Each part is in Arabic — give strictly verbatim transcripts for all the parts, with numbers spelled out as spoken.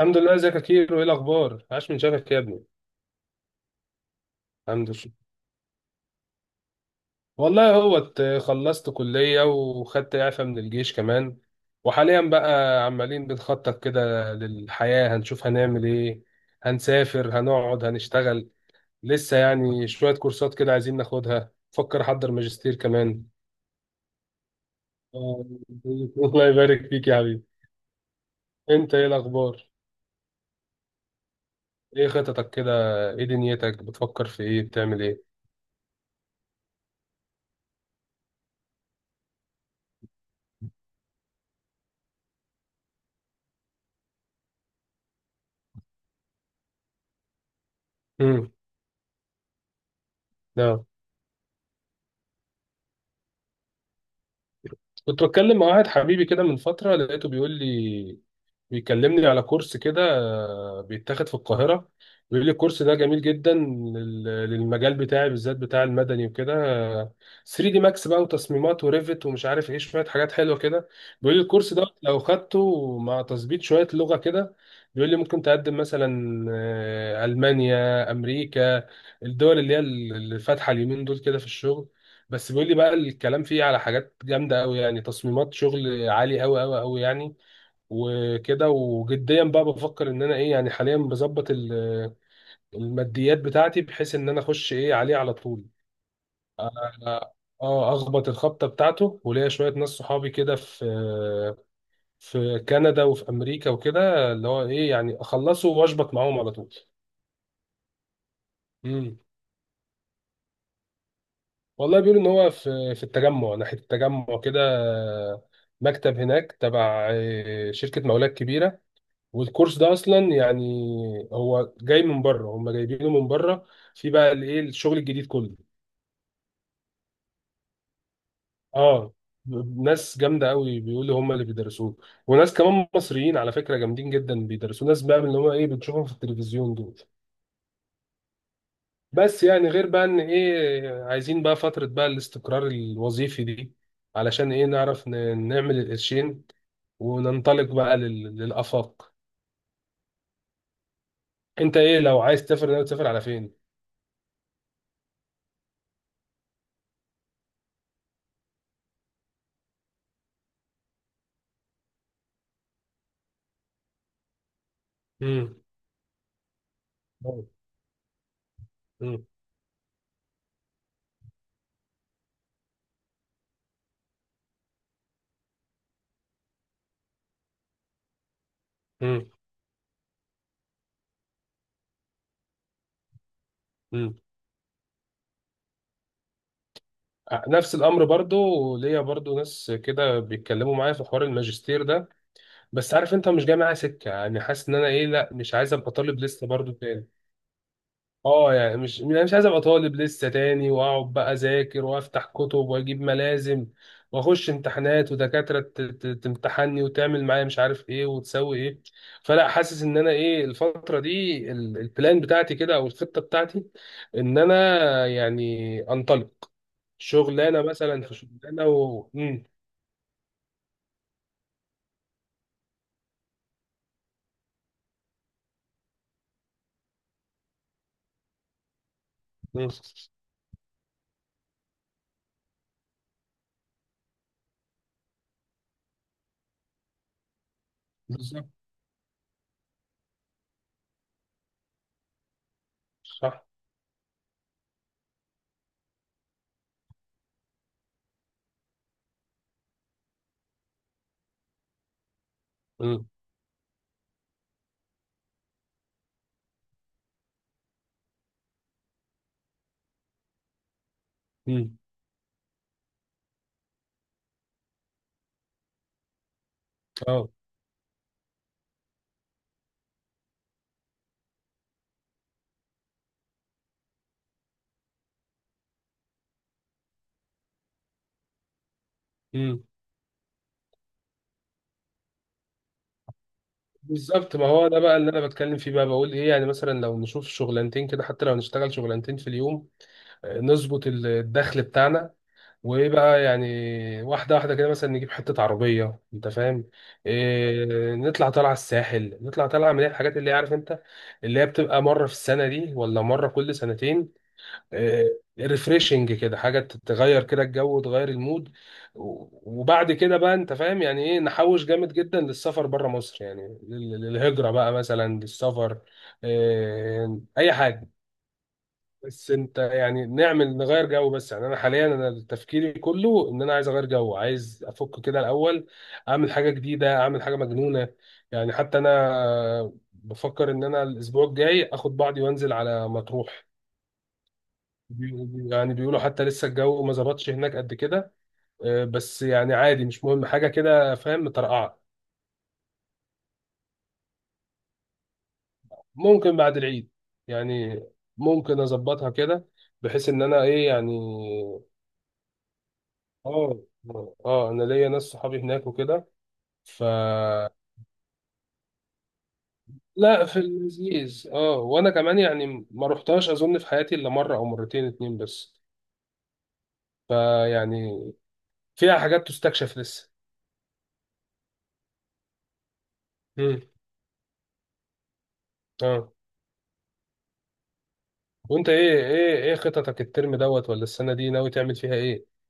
الحمد لله. ازيك يا كيرو؟ ايه الاخبار؟ عاش من شافك يا ابني. الحمد لله. والله هو ت- خلصت كلية وخدت اعفاء من الجيش كمان، وحاليا بقى عمالين بنخطط كده للحياة، هنشوف هنعمل ايه، هنسافر هنقعد هنشتغل. لسه يعني شوية كورسات كده عايزين ناخدها، فكر احضر ماجستير كمان. آه، الله يبارك فيك يا حبيبي. انت ايه الاخبار؟ ايه خططك كده؟ ايه دنيتك؟ بتفكر في ايه؟ بتعمل ايه؟ امم كنت بتكلم مع واحد حبيبي كده من فترة، لقيته بيقول لي، بيكلمني على كورس كده، آه، بيتاخد في القاهرة. بيقول لي الكورس ده جميل جدا لل- للمجال بتاعي، بالذات بتاع المدني وكده. آه، ثري دي ماكس بقى وتصميمات وريفت ومش عارف ايه، شوية حاجات حلوة كده. بيقول لي الكورس ده لو خدته مع تظبيط شوية لغة كده، بيقول لي ممكن تقدم مثلا آه، ألمانيا، أمريكا، الدول اللي هي اللي فاتحة اليومين دول كده في الشغل. بس بيقول لي بقى الكلام فيه على حاجات جامده قوي، يعني تصميمات شغل عالي قوي قوي قوي يعني. وكده، وجديا بقى بفكر ان انا ايه يعني، حاليا بظبط ال- الماديات بتاعتي، بحيث ان انا اخش ايه عليه على طول. اه، آه، اخبط الخبطه بتاعته. وليا شويه ناس صحابي كده في في كندا وفي امريكا وكده، اللي هو ايه يعني اخلصه واشبط معاهم على طول. والله بيقولوا ان هو في في التجمع، ناحيه التجمع كده، مكتب هناك تبع آه، شركه مولات كبيره. والكورس ده اصلا يعني هو جاي من بره، هم جايبينه من بره، في بقى الايه الشغل الجديد كله. اه، ناس جامده قوي بيقولوا هم اللي بيدرسوه، وناس كمان مصريين على فكره جامدين جدا بيدرسوه، ناس بقى من اللي هو ايه بتشوفهم في التلفزيون دول. بس يعني غير بقى ان ايه عايزين بقى فتره بقى الاستقرار الوظيفي دي، علشان ايه نعرف ن- نعمل القرشين وننطلق بقى لل... للآفاق. انت ايه؟ لو عايز تسافر، ناوي تسافر على فين؟ مم. مم. مم. مم. آه، نفس الامر برضو. ليا برضو ناس كده بيتكلموا معايا في حوار الماجستير ده. بس عارف انت مش جاي معايا سكه، يعني حاسس ان انا ايه، لا مش عايز ابقى طالب لسه برضو تاني. اه، يعني مش انا مش عايز ابقى طالب لسه تاني، واقعد بقى اذاكر وافتح كتب واجيب ملازم واخش امتحانات، ودكاتره ت- ت- تمتحني وتعمل معايا مش عارف ايه وتسوي ايه. فلا، حاسس ان انا ايه الفتره دي، ال- البلان بتاعتي كده، او الخطه بتاعتي، ان انا يعني انطلق. شغلانه مثلا، في شغلانه، و مم. مم. بالظبط. صح. مم. مم. اه. بالظبط، ما هو ده بقى اللي انا بتكلم فيه، بقى بقول ايه يعني، مثلا لو نشوف شغلانتين كده، حتى لو نشتغل شغلانتين في اليوم، آه، نظبط ال- الدخل بتاعنا، وايه بقى يعني، واحده واحده كده، مثلا نجيب حته عربيه، انت فاهم، إيه، نطلع طالعه الساحل، نطلع طالعه من الحاجات اللي هي، عارف انت، اللي هي بتبقى مره في السنه دي، ولا مره كل سنتين، ريفريشنج كده، حاجه تغير كده الجو وتغير المود. و- وبعد كده بقى انت فاهم يعني ايه، نحوش جامد جدا للسفر بره مصر، يعني لل- للهجره بقى، مثلا للسفر. آه، اي حاجه. بس انت يعني، نعمل نغير جو بس يعني. انا حاليا انا تفكيري كله ان انا عايز اغير جو، عايز افك كده الاول، اعمل حاجه جديده، اعمل حاجه مجنونه. يعني حتى انا بفكر ان انا الاسبوع الجاي اخد بعضي وانزل على مطروح. بي- يعني بيقولوا حتى لسه الجو ما ظبطش هناك قد كده. آه، بس يعني عادي، مش مهم حاجة كده فاهم، مترقعة. ممكن بعد العيد يعني، ممكن اظبطها كده، بحيث ان انا ايه يعني. اه. اه، آه، انا ليا ناس صحابي هناك وكده، ف... لا، في اللذيذ اه، وانا كمان يعني ما رحتهاش اظن في حياتي الا مرة او مرتين اتنين بس. فيعني فيها حاجات تستكشف لسه. مم. اه. وانت ايه؟ ايه ايه خططك؟ الترم دوت، ولا السنه دي ناوي تعمل فيها ايه؟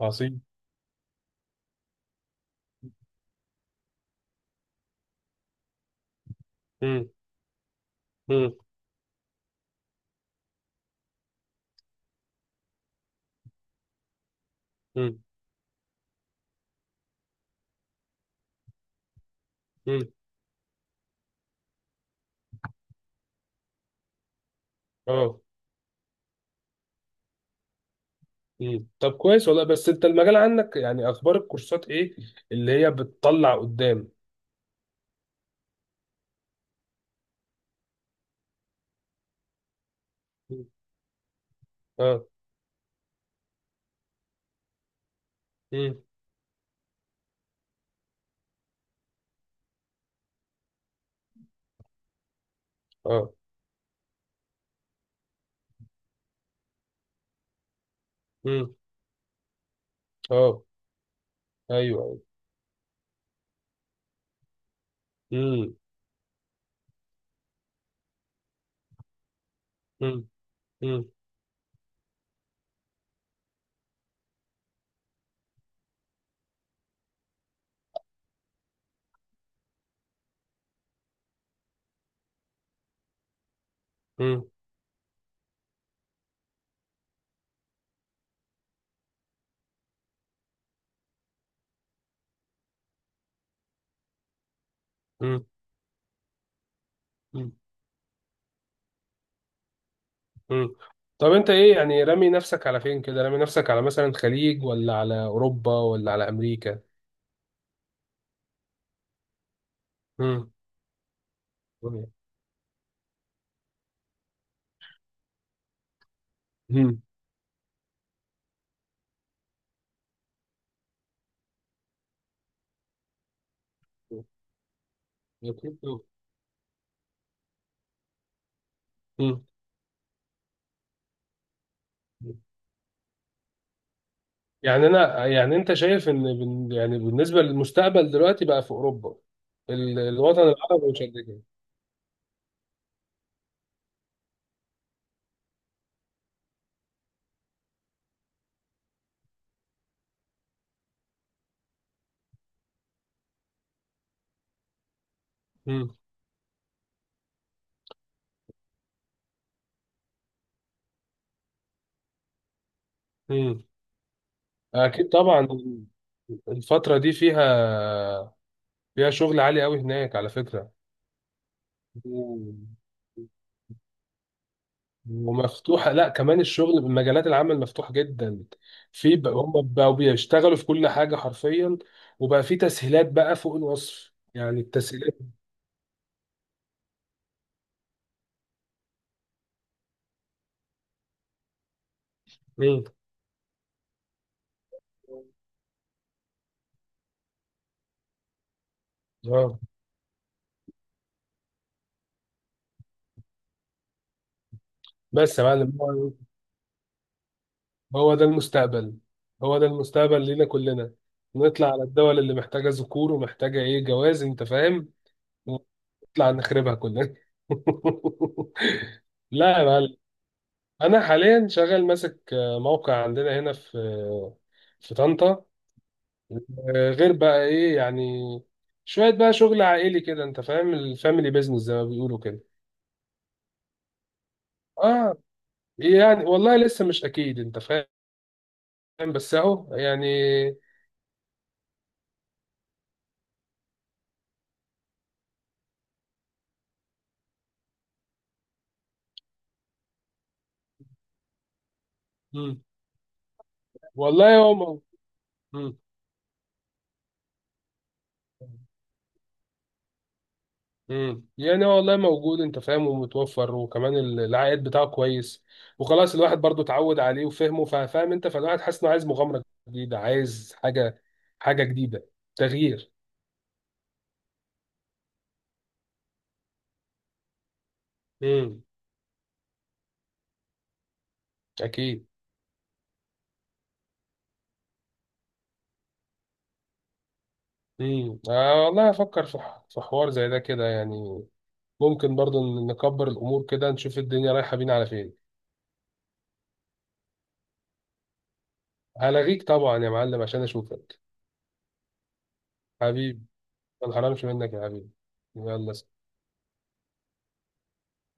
عظيم. امم امم امم امم اه. امم طب كويس والله. بس انت المجال عندك يعني، اخبار الكورسات ايه اللي هي بتطلع قدام؟ مم. اه. امم اه. امم اه. ايوه. امم امم امم امم امم امم طب انت ايه يعني، رامي نفسك على فين كده؟ رامي نفسك على مثلا خليج، ولا على اوروبا، ولا على امريكا؟ امم امم يعني انا يعني، انت شايف ان بن- يعني بالنسبه للمستقبل دلوقتي بقى في اوروبا، ال- الوطن العربي مش قد كده؟ مم. مم. اكيد طبعا. الفتره دي فيها، فيها شغل عالي قوي هناك على فكره. مم. ومفتوحه، لا كمان الشغل، مجالات العمل مفتوحه جدا. في بقى هم بقوا بيشتغلوا في كل حاجه حرفيا، وبقى في تسهيلات بقى فوق الوصف يعني، التسهيلات. مم. اه. بس يا معلم، هو ده المستقبل. هو ده المستقبل لينا كلنا، نطلع على الدول اللي محتاجة ذكور ومحتاجة ايه، جواز، انت فاهم، ونطلع نخربها كلنا. لا يا معلم، انا حاليا شغال ماسك آه، موقع عندنا هنا في في طنطا. آه، غير بقى ايه يعني، شوية بقى شغل عائلي كده، انت فاهم، الفاميلي بيزنس زي ما بيقولوا كده. اه. يعني والله لسه مش اكيد انت فاهم. بس اهو يعني. مم. والله هو. مم. امم يعني هو والله موجود انت فاهم، ومتوفر، وكمان ال- العائد بتاعه كويس، وخلاص الواحد برضو اتعود عليه وفهمه فاهم انت، فالواحد حاسس انه عايز مغامره جديده، عايز حاجه، حاجه جديده، تغيير. امم اكيد. امم آه والله، افكر في ح- في حوار زي ده كده يعني، ممكن برضو ن- نكبر الامور كده، نشوف الدنيا رايحه بينا على فين. هلغيك طبعا يا معلم عشان اشوفك. حبيبي. ما انحرمش منك يا حبيبي. يلا.